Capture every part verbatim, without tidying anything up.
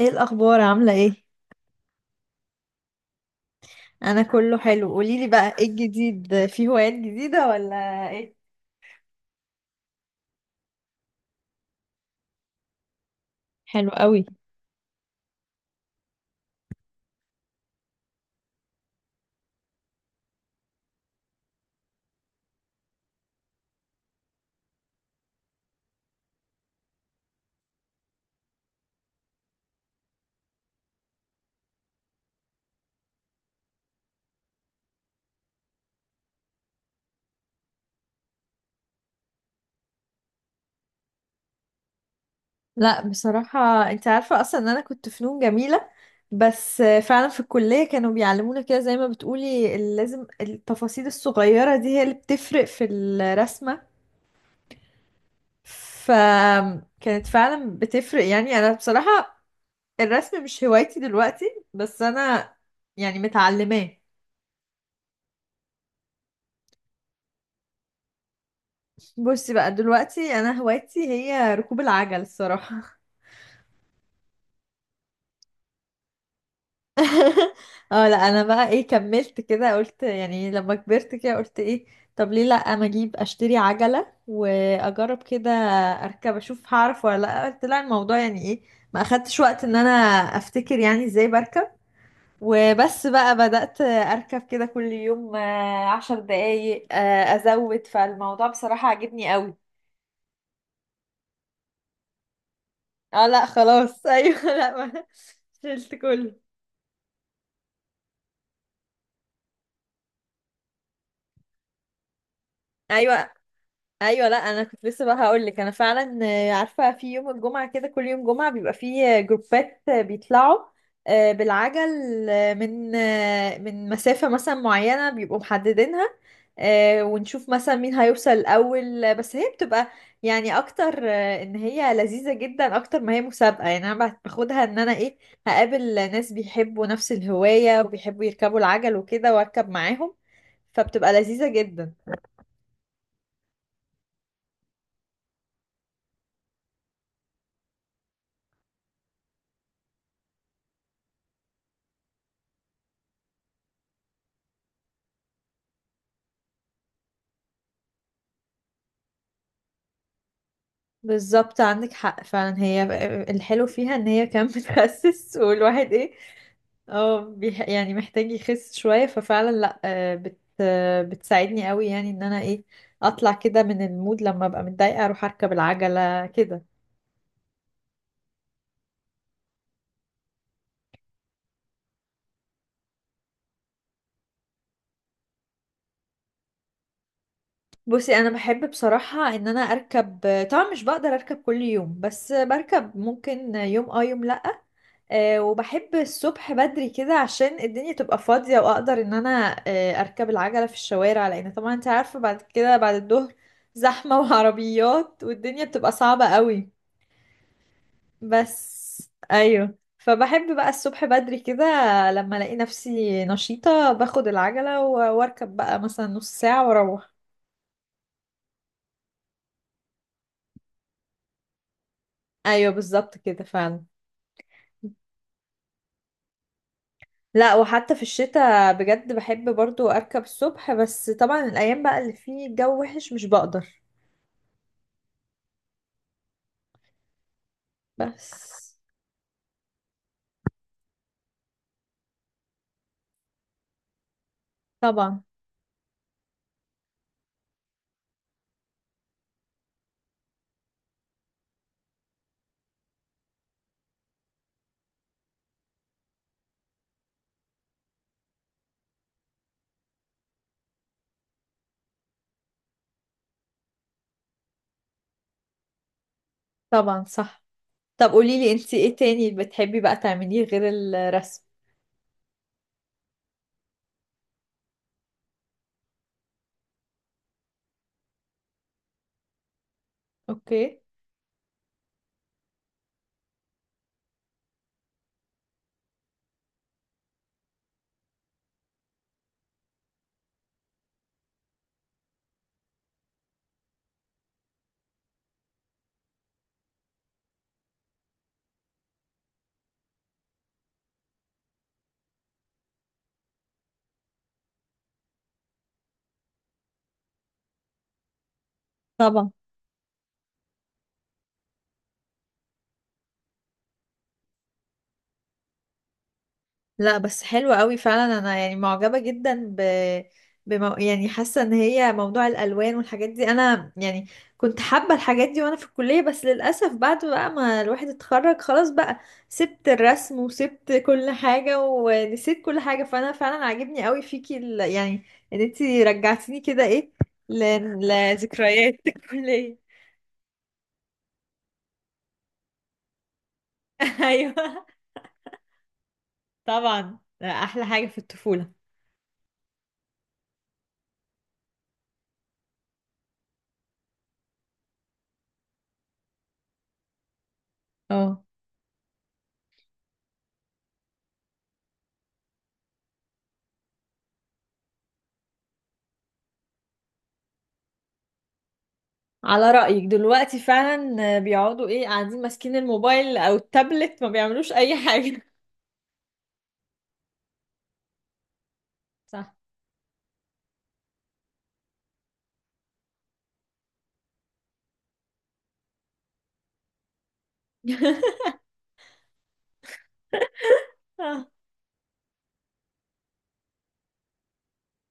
ايه الاخبار؟ عامله ايه؟ انا كله حلو. قوليلي بقى، ايه الجديد؟ في هوايات جديده ولا ايه؟ حلو قوي. لا بصراحه، انت عارفه اصلا ان انا كنت فنون جميله، بس فعلا في الكليه كانوا بيعلمونا كده زي ما بتقولي، ال- لازم التفاصيل الصغيره دي هي اللي بتفرق في الرسمه، فكانت فعلا بتفرق. يعني انا بصراحه الرسم مش هوايتي دلوقتي، بس انا يعني متعلماه. بصي بقى، دلوقتي انا هوايتي هي ركوب العجل الصراحه. اه لا، انا بقى ايه، كملت كده، قلت يعني لما كبرت كده قلت ايه، طب ليه لا، ما اجيب اشتري عجله واجرب كده، اركب اشوف هعرف ولا لا. قلت لا الموضوع يعني ايه، ما اخدتش وقت ان انا افتكر يعني ازاي بركب. وبس بقى بدأت اركب كده كل يوم آه، عشر دقايق، آه، ازود. فالموضوع بصراحه عجبني قوي. اه لا خلاص. ايوه لا ما شلت كله. ايوه. ايوه لا، انا كنت لسه بقى هقول لك، انا فعلا آه، عارفه في يوم الجمعه كده، كل يوم جمعه بيبقى فيه جروبات آه، بيطلعوا آه، بالعجل، آه، من آه، من مسافه مثلا معينه بيبقوا محددينها، آه، ونشوف مثلا مين هيوصل الاول، آه، بس هي بتبقى يعني اكتر، آه، ان هي لذيذه جدا اكتر ما هي مسابقه. يعني انا باخدها ان انا ايه، هقابل ناس بيحبوا نفس الهوايه وبيحبوا يركبوا العجل وكده واركب معاهم، فبتبقى لذيذه جدا. بالظبط، عندك حق فعلا. هي الحلو فيها ان هي كمان بتخسس. والواحد ايه، اه بيح- يعني محتاج يخس شوية، ففعلا لا، آه، بت آه، بتساعدني قوي يعني، ان انا ايه، اطلع كده من المود. لما ابقى متضايقة اروح اركب العجلة كده. بصي، انا بحب بصراحة ان انا اركب. طبعا مش بقدر اركب كل يوم، بس بركب ممكن يوم اه يوم لا. آه، وبحب الصبح بدري كده عشان الدنيا تبقى فاضية، وأقدر إن أنا آه، أركب العجلة في الشوارع. لأن طبعا أنت عارفة بعد كده بعد الظهر زحمة، وعربيات والدنيا بتبقى صعبة قوي. بس أيوه، فبحب بقى الصبح بدري كده لما ألاقي نفسي نشيطة، باخد العجلة و- وأركب بقى مثلا نص ساعة وأروح. أيوه بالظبط كده فعلا. لا وحتى في الشتاء بجد بحب برضو أركب الصبح، بس طبعا الأيام بقى اللي فيه الجو وحش مش بقدر. بس طبعا. طبعا. صح. طب قولي لي انت ايه تاني بتحبي بقى تعمليه غير الرسم؟ اوكي. طبعا. لا بس حلوة قوي فعلا، انا يعني معجبة جدا ب بمو... يعني حاسة ان هي موضوع الالوان والحاجات دي، انا يعني كنت حابة الحاجات دي وانا في الكلية، بس للاسف بعد بقى ما الواحد اتخرج خلاص بقى سبت الرسم وسبت كل حاجة ونسيت كل حاجة. فانا فعلا عاجبني قوي فيكي ال... يعني ان انتي رجعتيني كده ايه، ل... لذكريات الكلية. ايوه. طبعا احلى حاجة في الطفولة. اه. على رأيك، دلوقتي فعلا بيقعدوا ايه، قاعدين ماسكين الموبايل او التابلت، ما بيعملوش اي حاجة. صح. آه.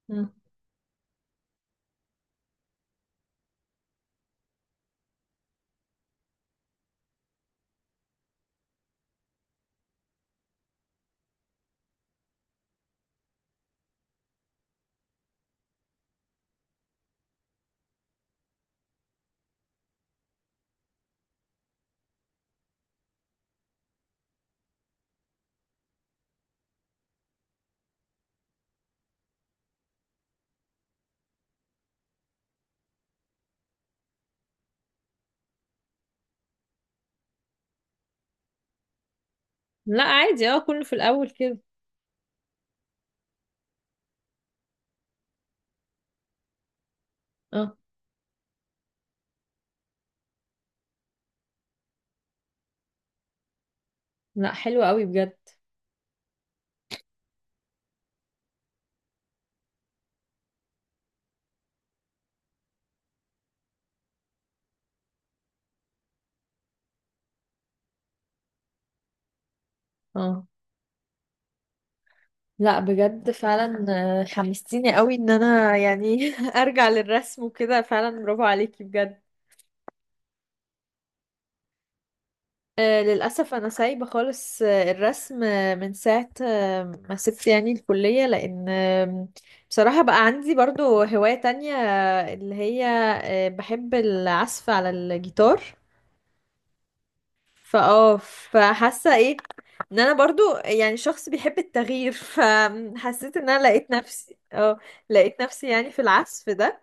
آه. لا عادي، اه كله في الاول كده. اه. لا حلو قوي بجد. اه. لا بجد فعلا. آه، حمستيني قوي ان انا يعني ارجع للرسم وكده. فعلا برافو عليكي بجد. آه، للأسف أنا سايبة خالص آه، الرسم آه، من ساعة آه، ما سبت يعني الكلية. لأن آم، بصراحة بقى عندي برضو هواية تانية آه، اللي هي آه، بحب العزف على الجيتار. فاه، فحاسة ايه، ان انا برضو يعني شخص بيحب التغيير. فحسيت ان انا لقيت نفسي اه، لقيت نفسي يعني في العزف ده.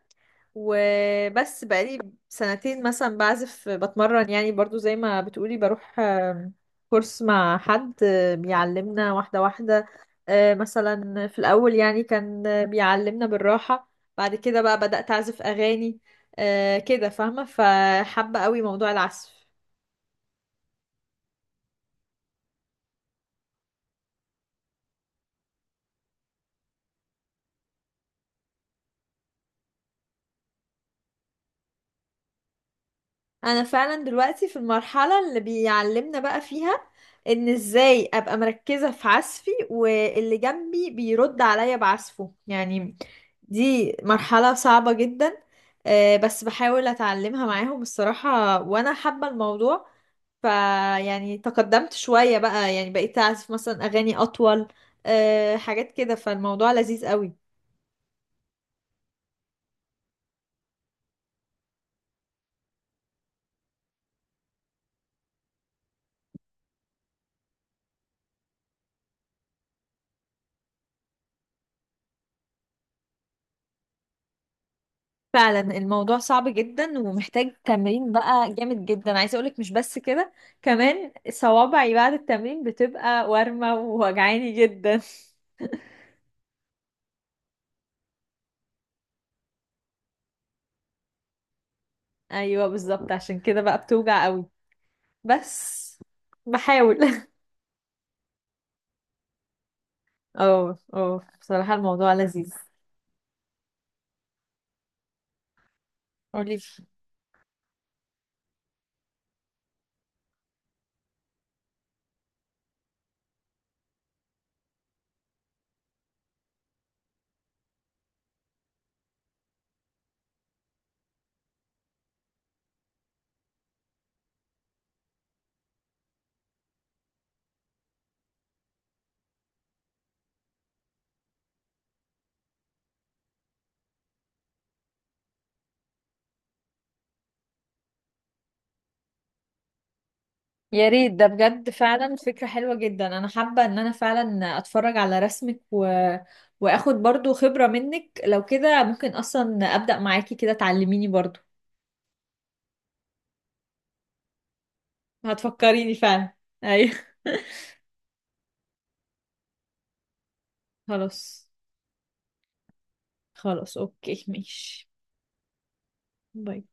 وبس بقالي سنتين مثلا بعزف بتمرن يعني، برضو زي ما بتقولي بروح آم، كورس مع حد آه، بيعلمنا واحدة واحدة. آه، مثلا في الأول يعني كان آه، بيعلمنا بالراحة، بعد كده بقى بدأت أعزف أغاني آه، كده، فاهمة؟ فحابة قوي موضوع العزف. انا فعلا دلوقتي في المرحلة اللي بيعلمنا بقى فيها ان ازاي ابقى مركزة في عزفي، واللي جنبي بيرد عليا بعزفه يعني. دي مرحلة صعبة جدا، آه، بس بحاول اتعلمها معاهم الصراحة وانا حابة الموضوع. فيعني تقدمت شوية بقى، يعني بقيت اعزف مثلا اغاني اطول، آه، حاجات كده. فالموضوع لذيذ قوي. فعلا الموضوع صعب جدا ومحتاج تمرين بقى جامد جدا. عايزه اقولك مش بس كده، كمان صوابعي بعد التمرين بتبقى وارمه ووجعاني جدا. ايوه بالظبط، عشان كده بقى بتوجع قوي. بس بحاول. اه اه بصراحه الموضوع لذيذ. قولي. يا ريت، ده بجد فعلا فكره حلوه جدا. انا حابه ان انا فعلا اتفرج على رسمك، و... واخد برضو خبره منك. لو كده ممكن اصلا ابدا معاكي كده، تعلميني برضو. هتفكريني فعلا. ايوه. خلاص. خلاص اوكي ماشي. باي.